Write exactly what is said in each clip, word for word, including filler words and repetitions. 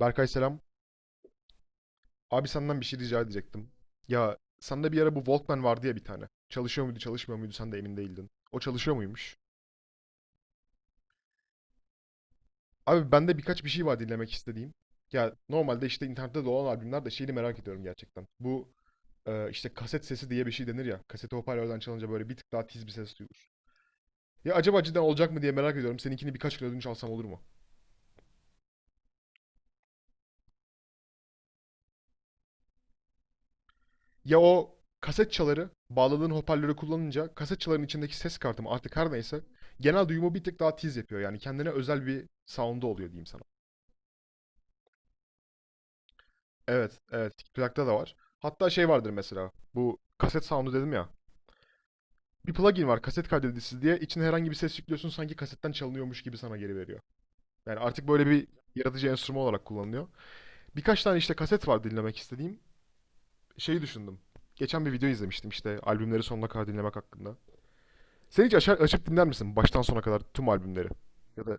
Berkay selam. Abi senden bir şey rica edecektim. Ya sende bir ara bu Walkman vardı ya bir tane. Çalışıyor muydu, çalışmıyor muydu sen de emin değildin. O çalışıyor muymuş? Abi bende birkaç bir şey var dinlemek istediğim. Ya normalde işte internette dolan albümler de şeyini merak ediyorum gerçekten. Bu e, işte kaset sesi diye bir şey denir ya. Kaseti hoparlörden çalınca böyle bir tık daha tiz bir ses duyulur. Ya acaba cidden olacak mı diye merak ediyorum. Seninkini birkaç kere ödünç alsam olur mu? Ya o kaset çaları bağladığın hoparlörü kullanınca kaset çaların içindeki ses kartı mı artık her neyse genel duyumu bir tık daha tiz yapıyor. Yani kendine özel bir sound'u oluyor diyeyim sana. Evet, evet. Plakta da var. Hatta şey vardır mesela. Bu kaset sound'u dedim ya. Bir plugin var kaset kaydedicisi diye. İçine herhangi bir ses yüklüyorsun sanki kasetten çalınıyormuş gibi sana geri veriyor. Yani artık böyle bir yaratıcı enstrüman olarak kullanılıyor. Birkaç tane işte kaset var dinlemek istediğim. Şeyi düşündüm. Geçen bir video izlemiştim işte albümleri sonuna kadar dinlemek hakkında. Sen hiç açar, açıp dinler misin baştan sona kadar tüm albümleri? Ya da.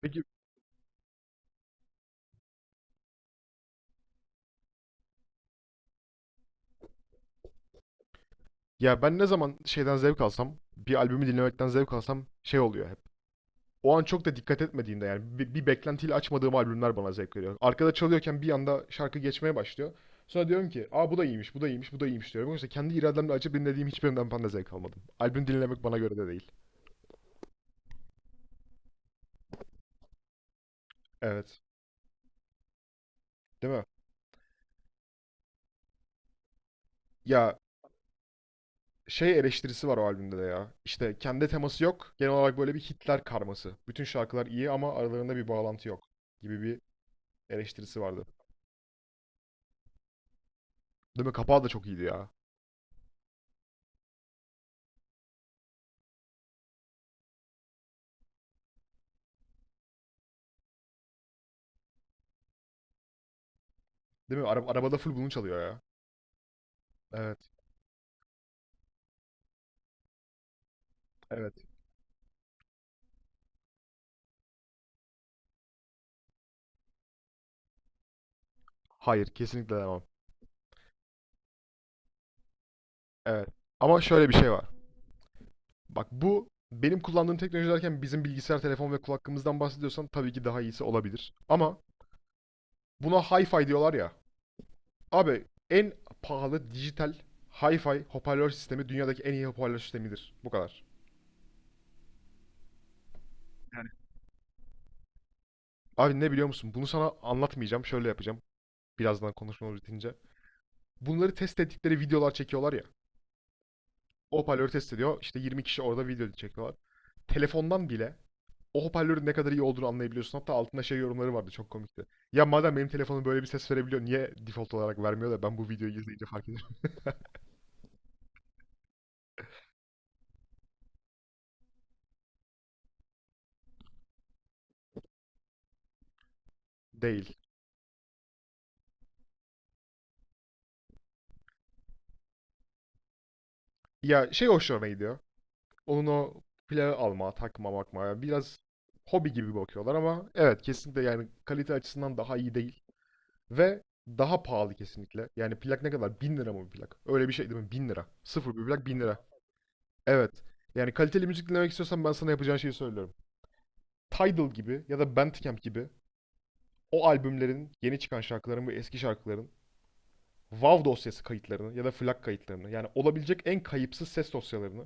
Peki. Ya ben ne zaman şeyden zevk alsam, bir albümü dinlemekten zevk alsam şey oluyor hep. O an çok da dikkat etmediğimde yani bir, bir beklentiyle açmadığım albümler bana zevk veriyor. Arkada çalıyorken bir anda şarkı geçmeye başlıyor. Sonra diyorum ki, "Aa bu da iyiymiş, bu da iyiymiş, bu da iyiymiş." diyorum. Oysa kendi irademle açıp dinlediğim hiçbirinden ben de zevk almadım. Albüm dinlemek bana göre de değil. Evet. Değil mi? Ya şey eleştirisi var o albümde de ya. İşte kendi teması yok. Genel olarak böyle bir Hitler karması. Bütün şarkılar iyi ama aralarında bir bağlantı yok gibi bir eleştirisi vardı. Değil mi? Kapağı da çok iyiydi ya. Değil mi? Ara- arabada full bunu çalıyor ya. Evet, evet. Hayır, kesinlikle demem. Evet. Ama şöyle bir şey var. Bak bu benim kullandığım teknoloji derken bizim bilgisayar, telefon ve kulaklığımızdan bahsediyorsan tabii ki daha iyisi olabilir. Ama buna hi-fi diyorlar ya. Abi en pahalı dijital hi-fi hoparlör sistemi dünyadaki en iyi hoparlör sistemidir. Bu kadar. Abi ne biliyor musun? Bunu sana anlatmayacağım. Şöyle yapacağım. Birazdan konuşmamız bitince. Bunları test ettikleri videolar çekiyorlar ya. O hoparlörü test ediyor. İşte yirmi kişi orada video çekiyorlar. Telefondan bile o hoparlörün ne kadar iyi olduğunu anlayabiliyorsun. Hatta altında şey yorumları vardı çok komikti. Ya madem benim telefonum böyle bir ses verebiliyor niye default olarak vermiyor da ben bu videoyu izleyince fark ederim. Değil. Ya şey hoşlarına gidiyor. Onun o plağı alma, takma, bakma. Biraz hobi gibi bakıyorlar ama evet kesinlikle yani kalite açısından daha iyi değil. Ve daha pahalı kesinlikle. Yani plak ne kadar? Bin lira mı bir plak? Öyle bir şey değil mi? Bin lira. Sıfır bir plak bin lira. Evet. Yani kaliteli müzik dinlemek istiyorsan ben sana yapacağın şeyi söylüyorum. Tidal gibi ya da Bandcamp gibi o albümlerin, yeni çıkan şarkıların ve eski şarkıların WAV dosyası kayıtlarını ya da FLAC kayıtlarını yani olabilecek en kayıpsız ses dosyalarını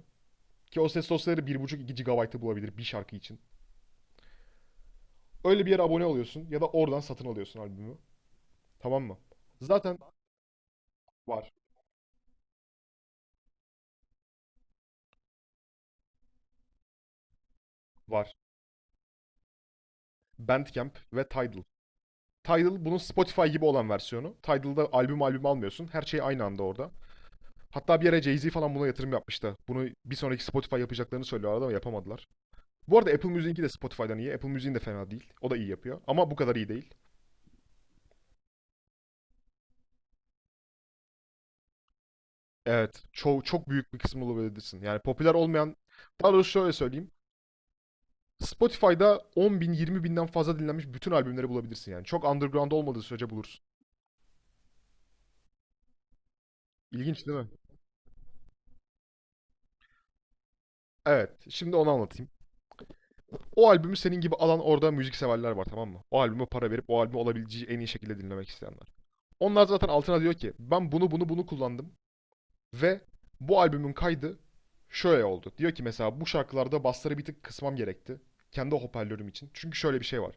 ki o ses dosyaları bir buçuk-iki gigabaytı bulabilir bir şarkı için. Öyle bir yere abone oluyorsun ya da oradan satın alıyorsun albümü. Tamam mı? Zaten var, var. Bandcamp ve Tidal. Tidal bunun Spotify gibi olan versiyonu. Tidal'da albüm albüm almıyorsun. Her şey aynı anda orada. Hatta bir yere Jay-Z falan buna yatırım yapmıştı. Bunu bir sonraki Spotify yapacaklarını söylüyorlardı ama yapamadılar. Bu arada Apple Music'inki de Spotify'dan iyi. Apple Music'in de fena değil. O da iyi yapıyor. Ama bu kadar iyi değil. Evet. Çok, çok büyük bir kısmını olabilirsin. Yani popüler olmayan... Daha doğrusu şöyle söyleyeyim. Spotify'da 10 bin, yirmi bin binden fazla dinlenmiş bütün albümleri bulabilirsin yani. Çok underground olmadığı sürece bulursun. İlginç değil mi? Evet. Şimdi onu anlatayım. O albümü senin gibi alan orada müzik severler var tamam mı? O albüme para verip o albümü olabileceği en iyi şekilde dinlemek isteyenler. Onlar zaten altına diyor ki ben bunu bunu bunu kullandım ve bu albümün kaydı şöyle oldu. Diyor ki mesela bu şarkılarda basları bir tık kısmam gerekti. Kendi hoparlörüm için. Çünkü şöyle bir şey var.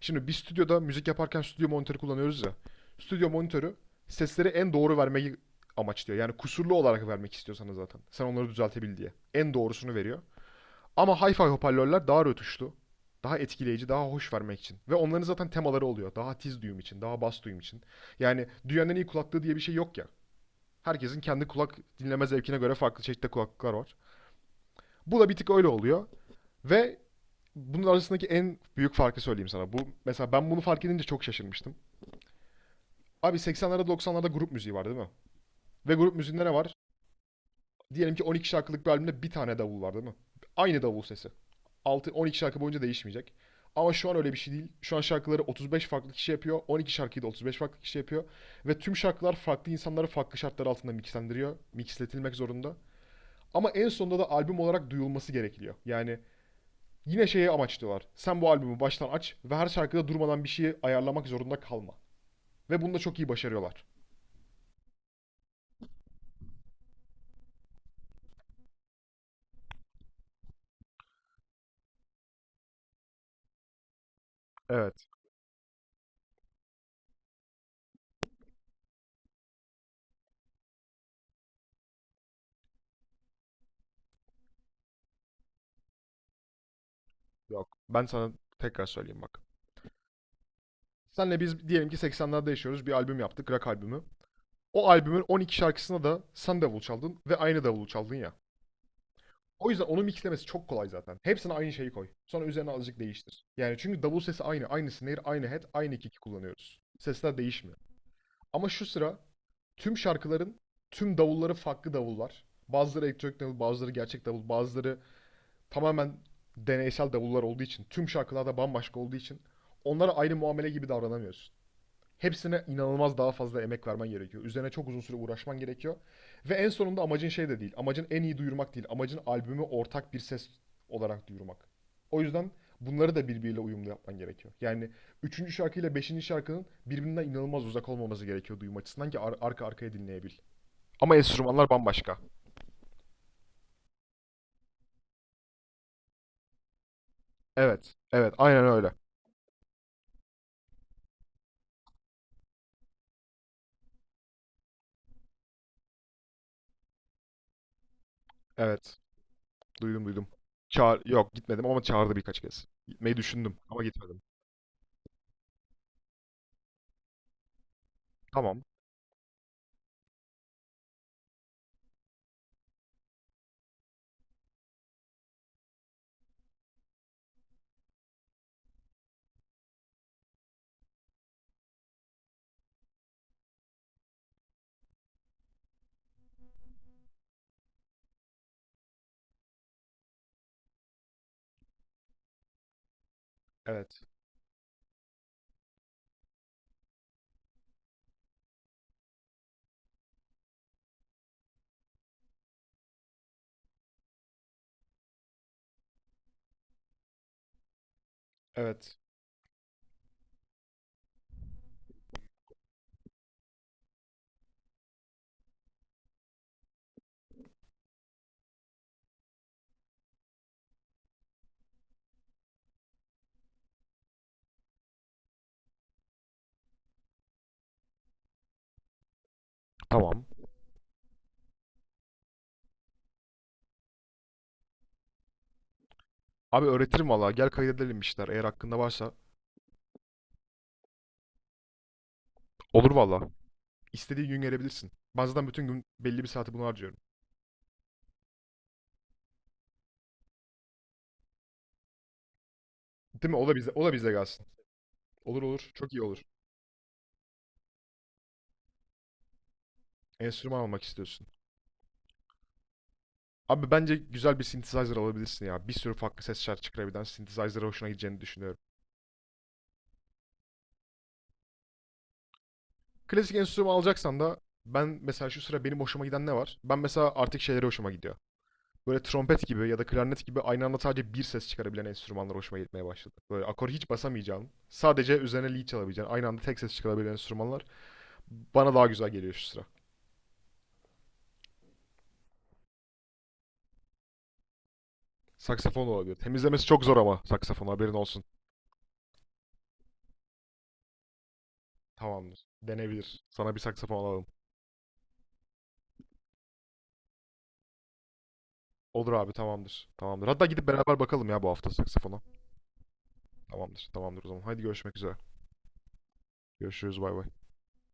Şimdi biz stüdyoda müzik yaparken stüdyo monitörü kullanıyoruz ya. Stüdyo monitörü sesleri en doğru vermeyi amaçlıyor. Yani kusurlu olarak vermek istiyorsanız zaten. Sen onları düzeltebil diye. En doğrusunu veriyor. Ama hi-fi hoparlörler daha rötuşlu. Daha etkileyici, daha hoş vermek için. Ve onların zaten temaları oluyor. Daha tiz duyum için, daha bas duyum için. Yani dünyanın en iyi kulaklığı diye bir şey yok ya. Herkesin kendi kulak dinleme zevkine göre farklı çeşitli kulaklıklar var. Bu da bir tık öyle oluyor. Ve bunun arasındaki en büyük farkı söyleyeyim sana. Bu mesela ben bunu fark edince çok şaşırmıştım. Abi seksenlerde doksanlarda grup müziği var değil mi? Ve grup müziğinde ne var? Diyelim ki on iki şarkılık bir albümde bir tane davul var değil mi? Aynı davul sesi. altı on iki şarkı boyunca değişmeyecek. Ama şu an öyle bir şey değil. Şu an şarkıları otuz beş farklı kişi yapıyor. on iki şarkıyı da otuz beş farklı kişi yapıyor. Ve tüm şarkılar farklı insanları farklı şartlar altında mixlendiriyor. Mixletilmek zorunda. Ama en sonunda da albüm olarak duyulması gerekiyor. Yani yine şeye amaçlıyorlar. Sen bu albümü baştan aç ve her şarkıda durmadan bir şeyi ayarlamak zorunda kalma. Ve bunu da çok iyi başarıyorlar. Evet. Yok. Ben sana tekrar söyleyeyim bak. Senle biz diyelim ki seksenlerde yaşıyoruz. Bir albüm yaptık. Rock albümü. O albümün on iki şarkısına da sen davul çaldın ve aynı davulu çaldın ya. O yüzden onu mixlemesi çok kolay zaten. Hepsine aynı şeyi koy. Sonra üzerine azıcık değiştir. Yani çünkü davul sesi aynı. Aynı snare, aynı head, aynı kick'i kullanıyoruz. Sesler değişmiyor. Ama şu sıra tüm şarkıların tüm davulları farklı davullar. Bazıları elektronik davul, bazıları gerçek davul, bazıları tamamen deneysel davullar olduğu için, tüm şarkılarda bambaşka olduğu için onlara aynı muamele gibi davranamıyorsun. Hepsine inanılmaz daha fazla emek vermen gerekiyor. Üzerine çok uzun süre uğraşman gerekiyor. Ve en sonunda amacın şey de değil. Amacın en iyi duyurmak değil. Amacın albümü ortak bir ses olarak duyurmak. O yüzden bunları da birbiriyle uyumlu yapman gerekiyor. Yani üçüncü şarkıyla beşinci şarkının birbirinden inanılmaz uzak olmaması gerekiyor duyum açısından ki ar- arka arkaya dinleyebil. Ama enstrümanlar bambaşka. Evet. Evet. Aynen öyle. Evet. Duydum duydum. Çağır yok gitmedim ama çağırdı birkaç kez. Gitmeyi düşündüm ama gitmedim. Tamam. Evet. Evet. Tamam. Abi öğretirim valla. Gel kaydedelim işler. Eğer hakkında varsa. Olur valla. İstediği gün gelebilirsin. Ben zaten bütün gün belli bir saati buna harcıyorum. Değil mi? O da bize, o da bize gelsin. Olur olur. Çok iyi olur. Enstrüman almak istiyorsun. Abi bence güzel bir synthesizer alabilirsin ya. Bir sürü farklı ses şarkı çıkarabilen synthesizer'a hoşuna gideceğini düşünüyorum. Klasik enstrüman alacaksan da ben mesela şu sıra benim hoşuma giden ne var? Ben mesela artık şeyleri hoşuma gidiyor. Böyle trompet gibi ya da klarnet gibi aynı anda sadece bir ses çıkarabilen enstrümanlar hoşuma gitmeye başladı. Böyle akor hiç basamayacağın, sadece üzerine lead çalabileceğin, aynı anda tek ses çıkarabilen enstrümanlar bana daha güzel geliyor şu sıra. Saksafon olabilir. Temizlemesi çok zor ama saksafon haberin olsun. Tamamdır. Denebilir. Sana bir saksafon alalım. Olur abi tamamdır. Tamamdır. Hatta gidip beraber bakalım ya bu hafta saksafona. Tamamdır. Tamamdır o zaman. Haydi görüşmek üzere. Görüşürüz bay bay.